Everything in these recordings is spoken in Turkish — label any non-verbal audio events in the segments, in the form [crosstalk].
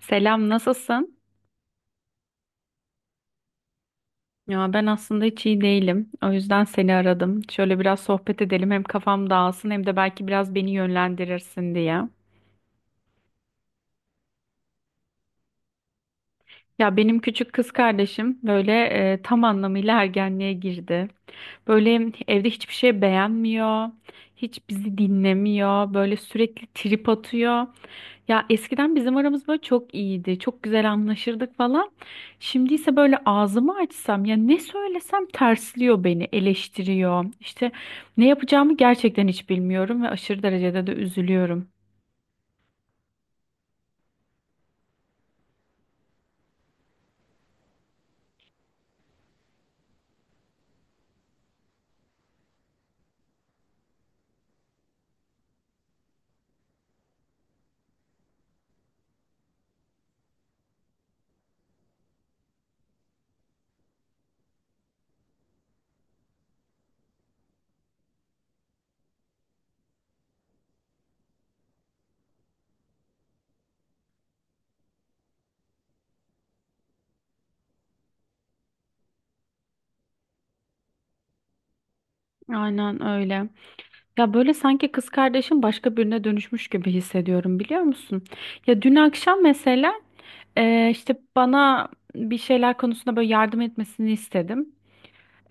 Selam, nasılsın? Ya ben aslında hiç iyi değilim. O yüzden seni aradım. Şöyle biraz sohbet edelim. Hem kafam dağılsın hem de belki biraz beni yönlendirirsin diye. Ya benim küçük kız kardeşim böyle tam anlamıyla ergenliğe girdi. Böyle evde hiçbir şey beğenmiyor. Hiç bizi dinlemiyor. Böyle sürekli trip atıyor. Ya eskiden bizim aramız böyle çok iyiydi. Çok güzel anlaşırdık falan. Şimdi ise böyle ağzımı açsam ya ne söylesem tersliyor beni, eleştiriyor. İşte ne yapacağımı gerçekten hiç bilmiyorum ve aşırı derecede de üzülüyorum. Aynen öyle. Ya böyle sanki kız kardeşim başka birine dönüşmüş gibi hissediyorum, biliyor musun? Ya dün akşam mesela işte bana bir şeyler konusunda böyle yardım etmesini istedim.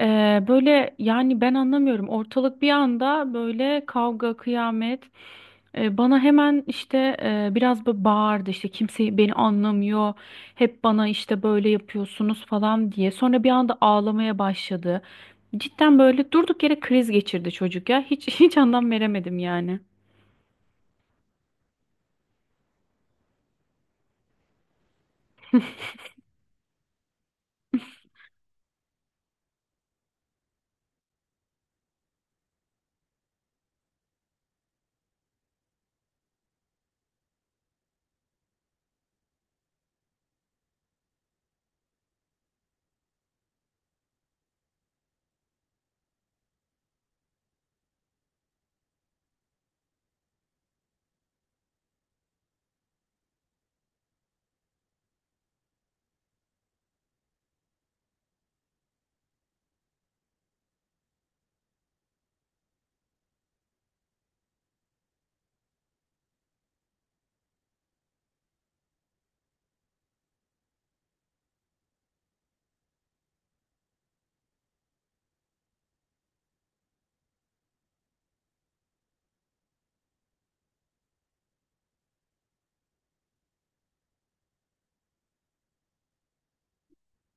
Böyle yani ben anlamıyorum. Ortalık bir anda böyle kavga, kıyamet. Bana hemen işte biraz böyle bağırdı, işte kimse beni anlamıyor. Hep bana işte böyle yapıyorsunuz falan diye. Sonra bir anda ağlamaya başladı. Cidden böyle durduk yere kriz geçirdi çocuk ya. Hiç [laughs] hiç anlam veremedim yani.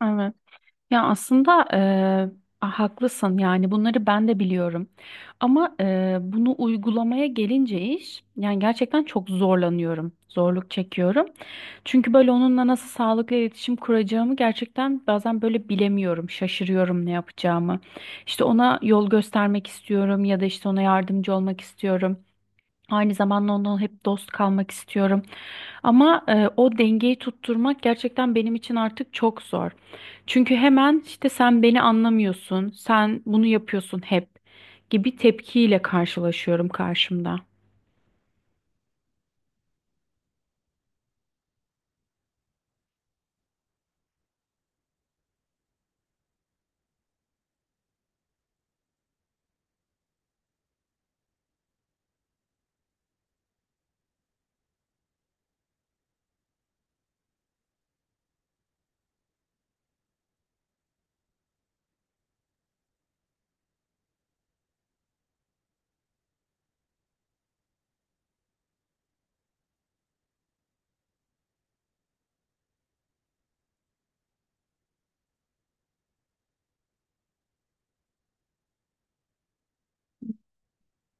Evet. Ya aslında haklısın, yani bunları ben de biliyorum. Ama bunu uygulamaya gelince iş, yani gerçekten çok zorlanıyorum. Zorluk çekiyorum. Çünkü böyle onunla nasıl sağlıklı iletişim kuracağımı gerçekten bazen böyle bilemiyorum. Şaşırıyorum ne yapacağımı. İşte ona yol göstermek istiyorum ya da işte ona yardımcı olmak istiyorum. Aynı zamanda onunla hep dost kalmak istiyorum. Ama o dengeyi tutturmak gerçekten benim için artık çok zor. Çünkü hemen işte sen beni anlamıyorsun, sen bunu yapıyorsun hep gibi tepkiyle karşılaşıyorum karşımda.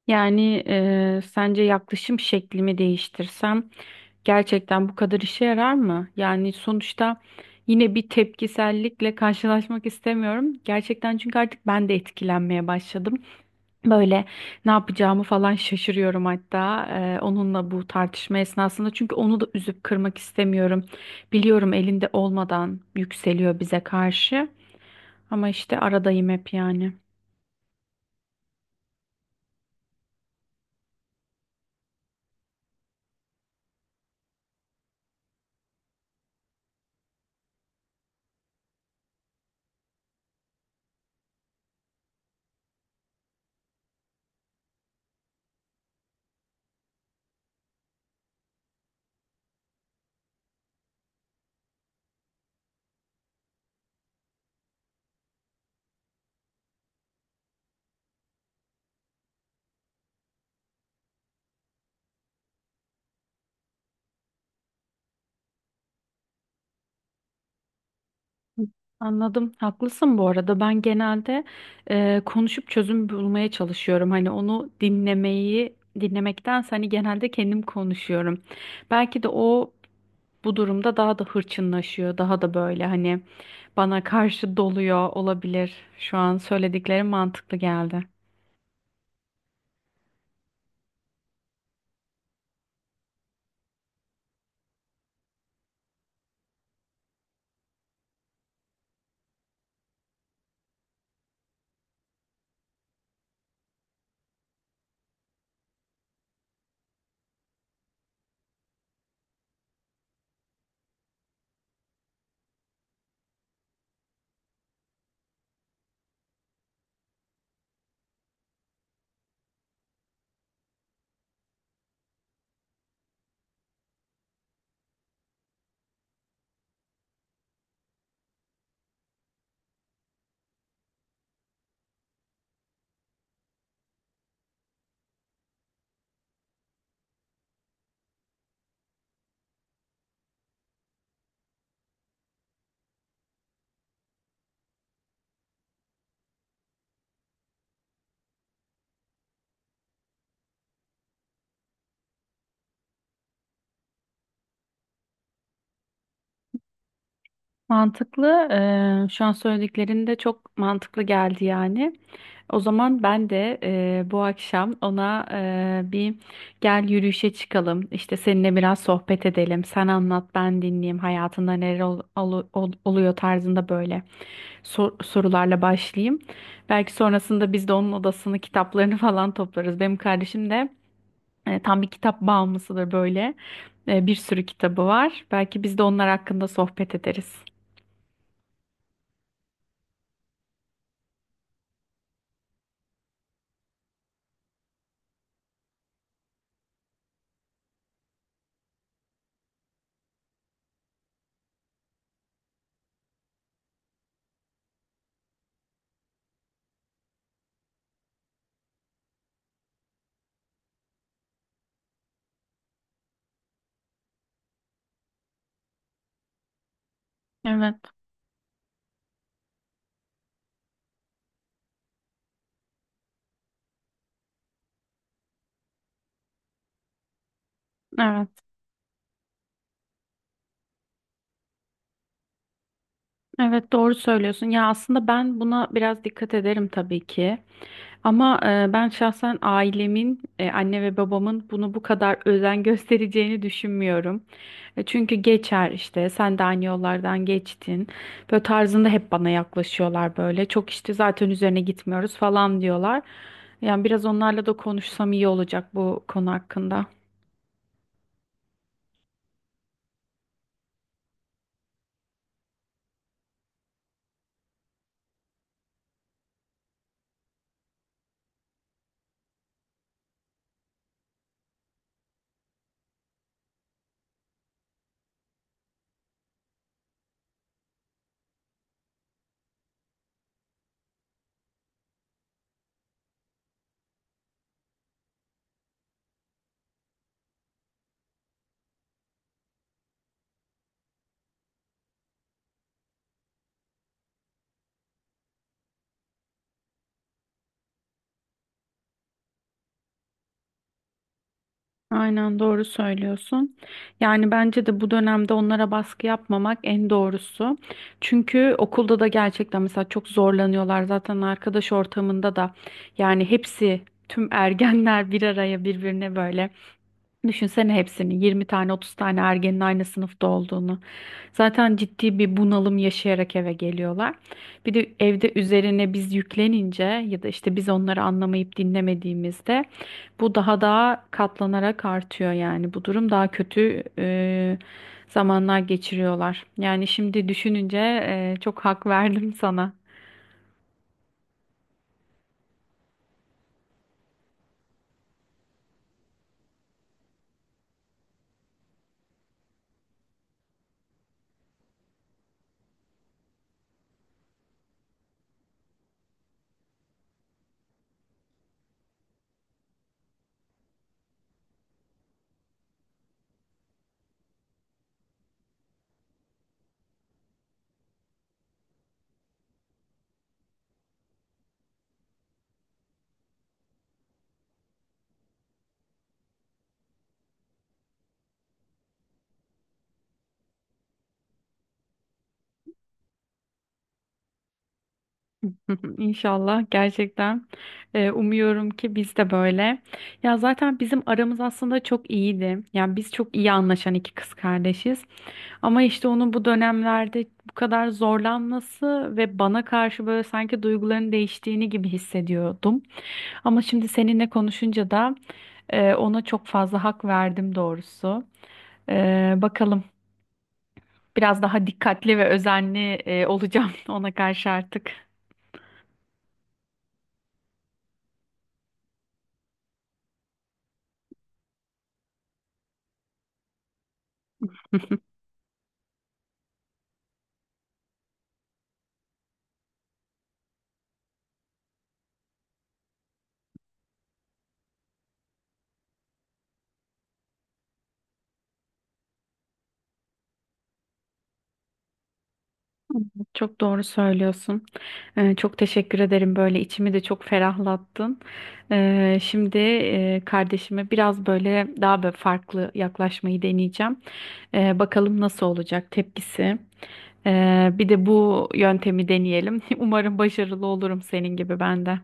Yani sence yaklaşım şeklimi değiştirsem gerçekten bu kadar işe yarar mı? Yani sonuçta yine bir tepkisellikle karşılaşmak istemiyorum. Gerçekten çünkü artık ben de etkilenmeye başladım. Böyle ne yapacağımı falan şaşırıyorum hatta onunla bu tartışma esnasında. Çünkü onu da üzüp kırmak istemiyorum. Biliyorum elinde olmadan yükseliyor bize karşı. Ama işte aradayım hep yani. Anladım. Haklısın bu arada. Ben genelde konuşup çözüm bulmaya çalışıyorum. Hani onu dinlemeyi dinlemektense, genelde kendim konuşuyorum. Belki de o bu durumda daha da hırçınlaşıyor. Daha da böyle hani bana karşı doluyor olabilir. Şu an söylediklerim mantıklı geldi. Mantıklı. Şu an söylediklerin de çok mantıklı geldi yani. O zaman ben de bu akşam ona bir gel yürüyüşe çıkalım. İşte seninle biraz sohbet edelim. Sen anlat, ben dinleyeyim. Hayatında neler oluyor tarzında böyle sorularla başlayayım. Belki sonrasında biz de onun odasını, kitaplarını [laughs] falan toplarız. Benim kardeşim de tam bir kitap bağımlısıdır böyle. Bir sürü kitabı var. Belki biz de onlar hakkında sohbet ederiz. Evet. Evet, evet doğru söylüyorsun. Ya aslında ben buna biraz dikkat ederim tabii ki. Ama ben şahsen ailemin, anne ve babamın bunu bu kadar özen [laughs] göstereceğini düşünmüyorum. Çünkü geçer işte, sen de aynı yollardan geçtin. Böyle tarzında hep bana yaklaşıyorlar böyle. Çok işte zaten üzerine gitmiyoruz falan diyorlar. Yani biraz onlarla da konuşsam iyi olacak bu konu hakkında. Aynen doğru söylüyorsun. Yani bence de bu dönemde onlara baskı yapmamak en doğrusu. Çünkü okulda da gerçekten mesela çok zorlanıyorlar. Zaten arkadaş ortamında da yani hepsi tüm ergenler bir araya birbirine böyle. Düşünsene hepsinin 20 tane 30 tane ergenin aynı sınıfta olduğunu. Zaten ciddi bir bunalım yaşayarak eve geliyorlar. Bir de evde üzerine biz yüklenince ya da işte biz onları anlamayıp dinlemediğimizde bu daha da katlanarak artıyor yani. Bu durum daha kötü zamanlar geçiriyorlar. Yani şimdi düşününce çok hak verdim sana. [laughs] İnşallah gerçekten. Umuyorum ki biz de böyle. Ya zaten bizim aramız aslında çok iyiydi. Yani biz çok iyi anlaşan iki kız kardeşiz. Ama işte onun bu dönemlerde bu kadar zorlanması ve bana karşı böyle sanki duyguların değiştiğini gibi hissediyordum. Ama şimdi seninle konuşunca da ona çok fazla hak verdim doğrusu. Bakalım biraz daha dikkatli ve özenli olacağım [laughs] ona karşı artık. Çok doğru söylüyorsun. Çok teşekkür ederim. Böyle içimi de çok ferahlattın. Şimdi kardeşime biraz böyle daha böyle farklı yaklaşmayı deneyeceğim. Bakalım nasıl olacak tepkisi. Bir de bu yöntemi deneyelim. [laughs] Umarım başarılı olurum senin gibi ben de.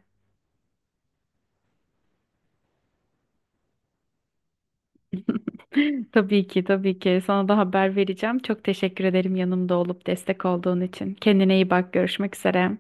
[laughs] Tabii ki, tabii ki. Sana da haber vereceğim. Çok teşekkür ederim yanımda olup destek olduğun için. Kendine iyi bak. Görüşmek üzere.